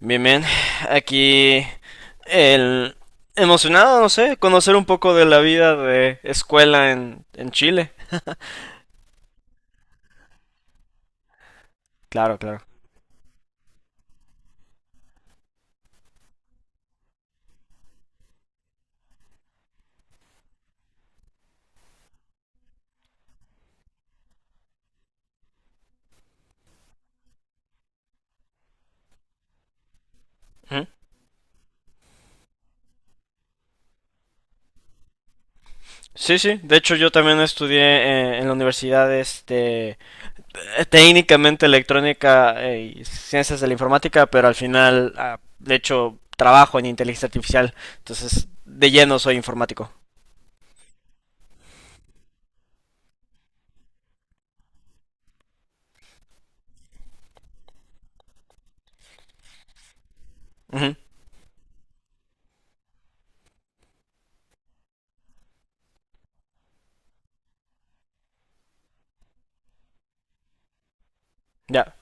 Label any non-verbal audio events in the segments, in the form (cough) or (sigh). Bien, bien. Aquí el emocionado, no sé, conocer un poco de la vida de escuela en Chile. Claro, claro. Ujú. Sí, sí. De hecho, yo también estudié en la universidad, este, técnicamente electrónica y ciencias de la informática, pero al final, de hecho, trabajo en inteligencia artificial. Entonces, de lleno soy informático. Ujú. Ya.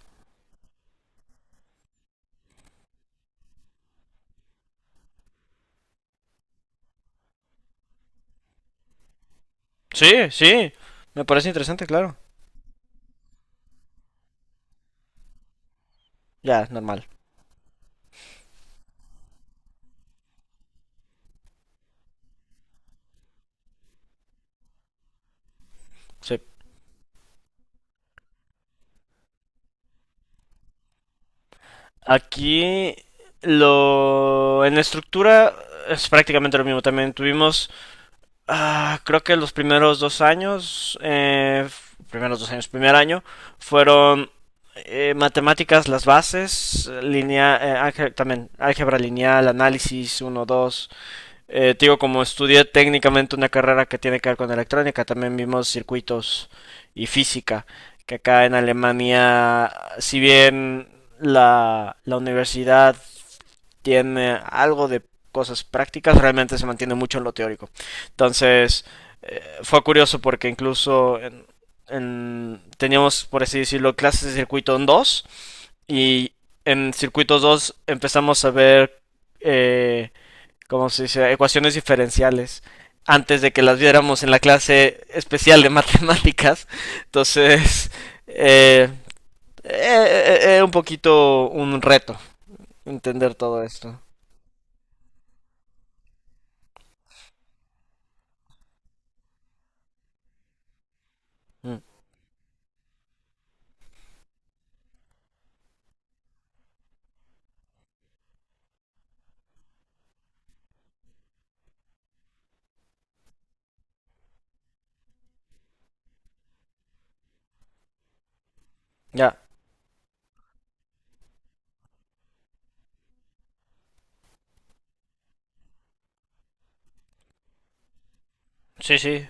Sí, sí. Me parece interesante, claro. Ya, normal. Sí. Aquí lo en la estructura es prácticamente lo mismo. También tuvimos, creo que los primeros dos años, primer año, fueron matemáticas, las bases, línea, también álgebra lineal, análisis uno 2. Digo, como estudié técnicamente una carrera que tiene que ver con electrónica, también vimos circuitos y física, que acá en Alemania, si bien la universidad tiene algo de cosas prácticas, realmente se mantiene mucho en lo teórico. Entonces, fue curioso porque teníamos, por así decirlo, clases de circuito en 2 y en circuitos 2 empezamos a ver eh, como se dice, ecuaciones diferenciales antes de que las viéramos en la clase especial de (laughs) matemáticas. Entonces, eh, un poquito un reto entender todo esto. Mm, Ya, sí, sí.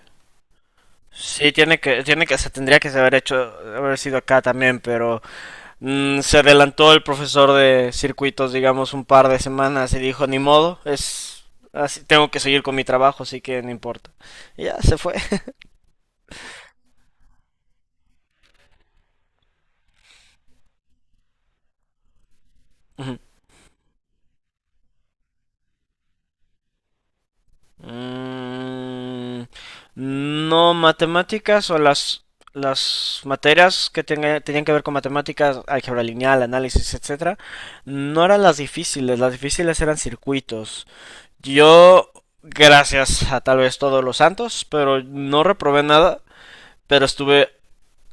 Sí, se tendría que haber hecho, haber sido acá también, pero se adelantó el profesor de circuitos, digamos, un par de semanas y dijo, ni modo, es así, tengo que seguir con mi trabajo, así que no importa. Y ya se fue. Ujú. Mm, no, matemáticas o las materias que tenían que ver con matemáticas, álgebra lineal, análisis, etcétera, no eran las difíciles eran circuitos. Yo, gracias a tal vez todos los santos, pero no reprobé nada, pero estuve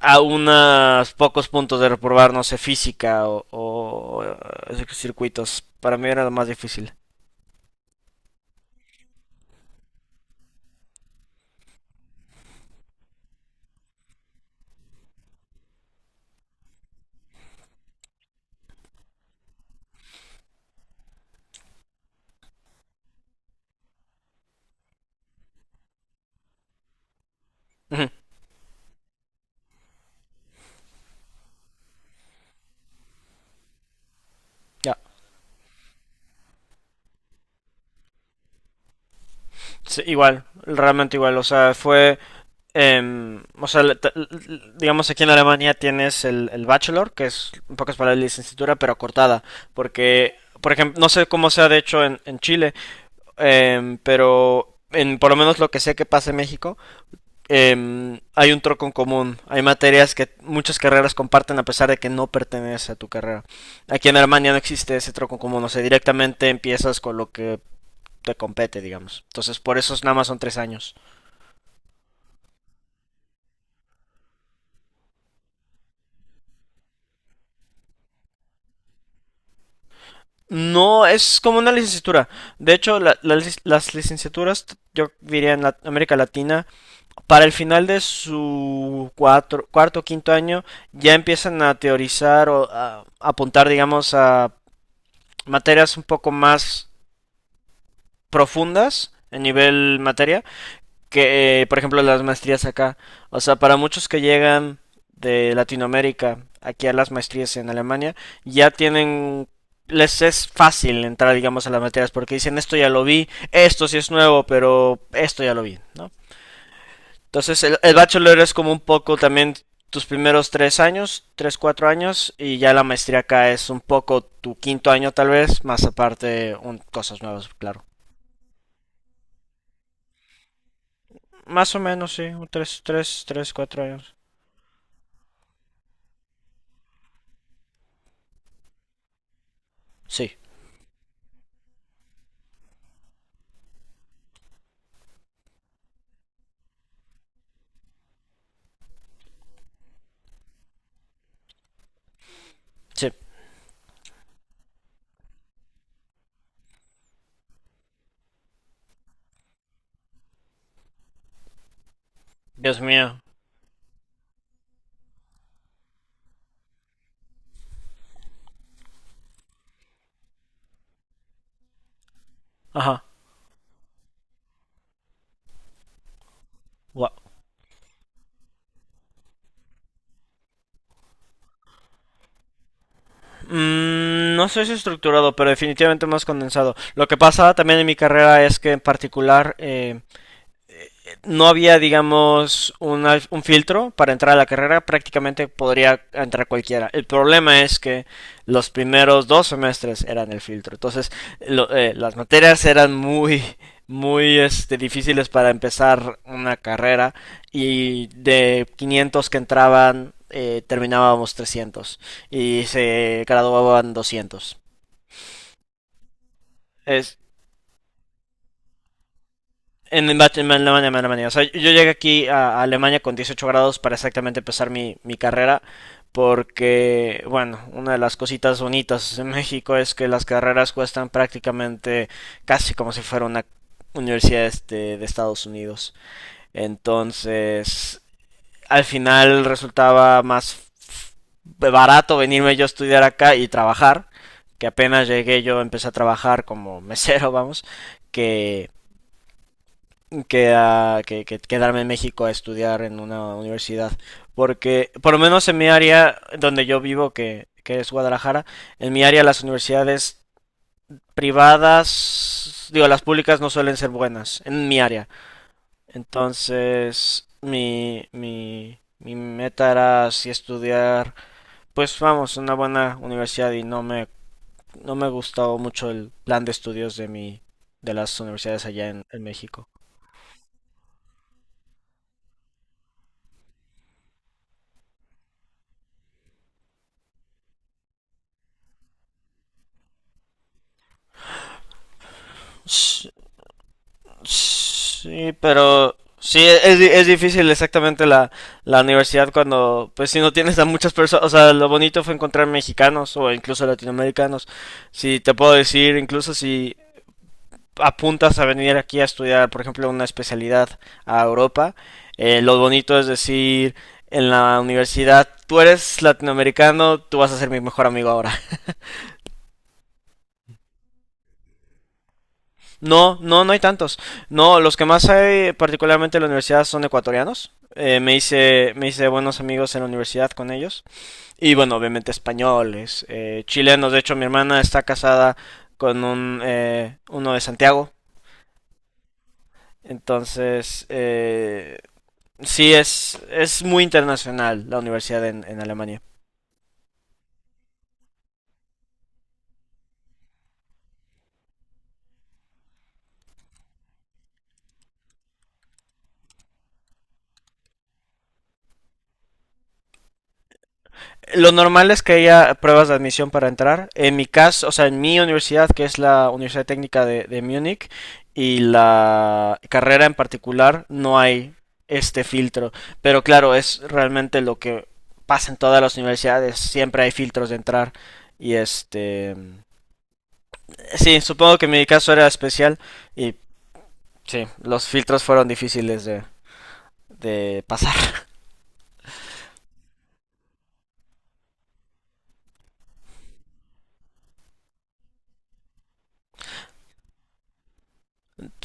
a unos pocos puntos de reprobar, no sé, física o circuitos. Para mí era lo más difícil. Ujú, ya, sí, igual, realmente igual, o sea, fue o sea, digamos aquí en Alemania tienes el bachelor, que es en pocas palabras licenciatura, pero cortada, porque, por ejemplo, no sé cómo sea de hecho en Chile, pero en por lo menos lo que sé que pasa en México, hay un troco en común, hay materias que muchas carreras comparten a pesar de que no pertenece a tu carrera. Aquí en Alemania no existe ese troco en común, o sea, directamente empiezas con lo que te compete, digamos. Entonces, por eso nada más son tres años. No, es como una licenciatura. De hecho, las licenciaturas, yo diría en América Latina, para el final de su cuarto o quinto año, ya empiezan a teorizar o a apuntar, digamos, a materias un poco más profundas en nivel materia que, por ejemplo, las maestrías acá. O sea, para muchos que llegan de Latinoamérica aquí a las maestrías en Alemania, ya tienen, les es fácil entrar, digamos, a las materias porque dicen esto ya lo vi, esto sí es nuevo, pero esto ya lo vi, ¿no? Entonces, el bachelor es como un poco también tus primeros tres años, tres, cuatro años, y ya la maestría acá es un poco tu quinto año tal vez, más aparte cosas nuevas, claro. Más o menos, sí, un tres, cuatro años. Sí, sí. Dios mío. Ajá. Guau. No sé si estructurado, pero definitivamente más condensado. Lo que pasa también en mi carrera es que en particular no había, digamos, filtro para entrar a la carrera, prácticamente podría entrar cualquiera. El problema es que los primeros dos semestres eran el filtro, entonces las materias eran muy este, difíciles para empezar una carrera y de 500 que entraban terminábamos 300 y se graduaban 200. Es, En, en Alemania, en Alemania. O sea, yo llegué aquí a Alemania con 18 grados para exactamente empezar mi carrera, porque, bueno, una de las cositas bonitas en México es que las carreras cuestan prácticamente casi como si fuera una universidad este, de Estados Unidos. Entonces, al final resultaba más barato venirme yo a estudiar acá y trabajar, que apenas llegué yo empecé a trabajar como mesero, vamos, que que quedarme en México a estudiar en una universidad. Porque, por lo menos en mi área donde yo vivo, que es Guadalajara, en mi área las universidades privadas, digo, las públicas no suelen ser buenas, en mi área. Entonces, mi meta era así estudiar, pues vamos, una buena universidad y no no me gustó mucho el plan de estudios de mi, de las universidades allá en México. Sí, pero sí, es, es difícil exactamente la, la universidad cuando, pues si no tienes a muchas personas, o sea, lo bonito fue encontrar mexicanos o incluso latinoamericanos. Si te puedo decir, incluso si apuntas a venir aquí a estudiar, por ejemplo, una especialidad a Europa, lo bonito es decir, en la universidad, tú eres latinoamericano, tú vas a ser mi mejor amigo ahora. No, no, no hay tantos. No, los que más hay, particularmente en la universidad, son ecuatorianos. Me hice buenos amigos en la universidad con ellos. Y bueno, obviamente españoles, chilenos. De hecho, mi hermana está casada con un, uno de Santiago. Entonces, sí, es muy internacional la universidad en Alemania. Lo normal es que haya pruebas de admisión para entrar. En mi caso, o sea, en mi universidad, que es la Universidad Técnica de Múnich, y la carrera en particular, no hay este filtro. Pero claro, es realmente lo que pasa en todas las universidades. Siempre hay filtros de entrar. Y este... sí, supongo que en mi caso era especial. Y sí, los filtros fueron difíciles de pasar.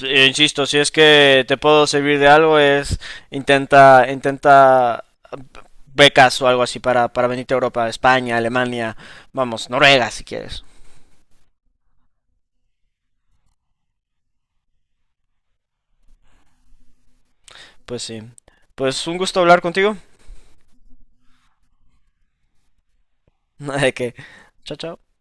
Insisto, si es que te puedo servir de algo, es intenta becas o algo así para venirte a Europa, España, Alemania, vamos, Noruega si quieres. Pues sí. Pues un gusto hablar contigo. (laughs) De que. Chao, chao.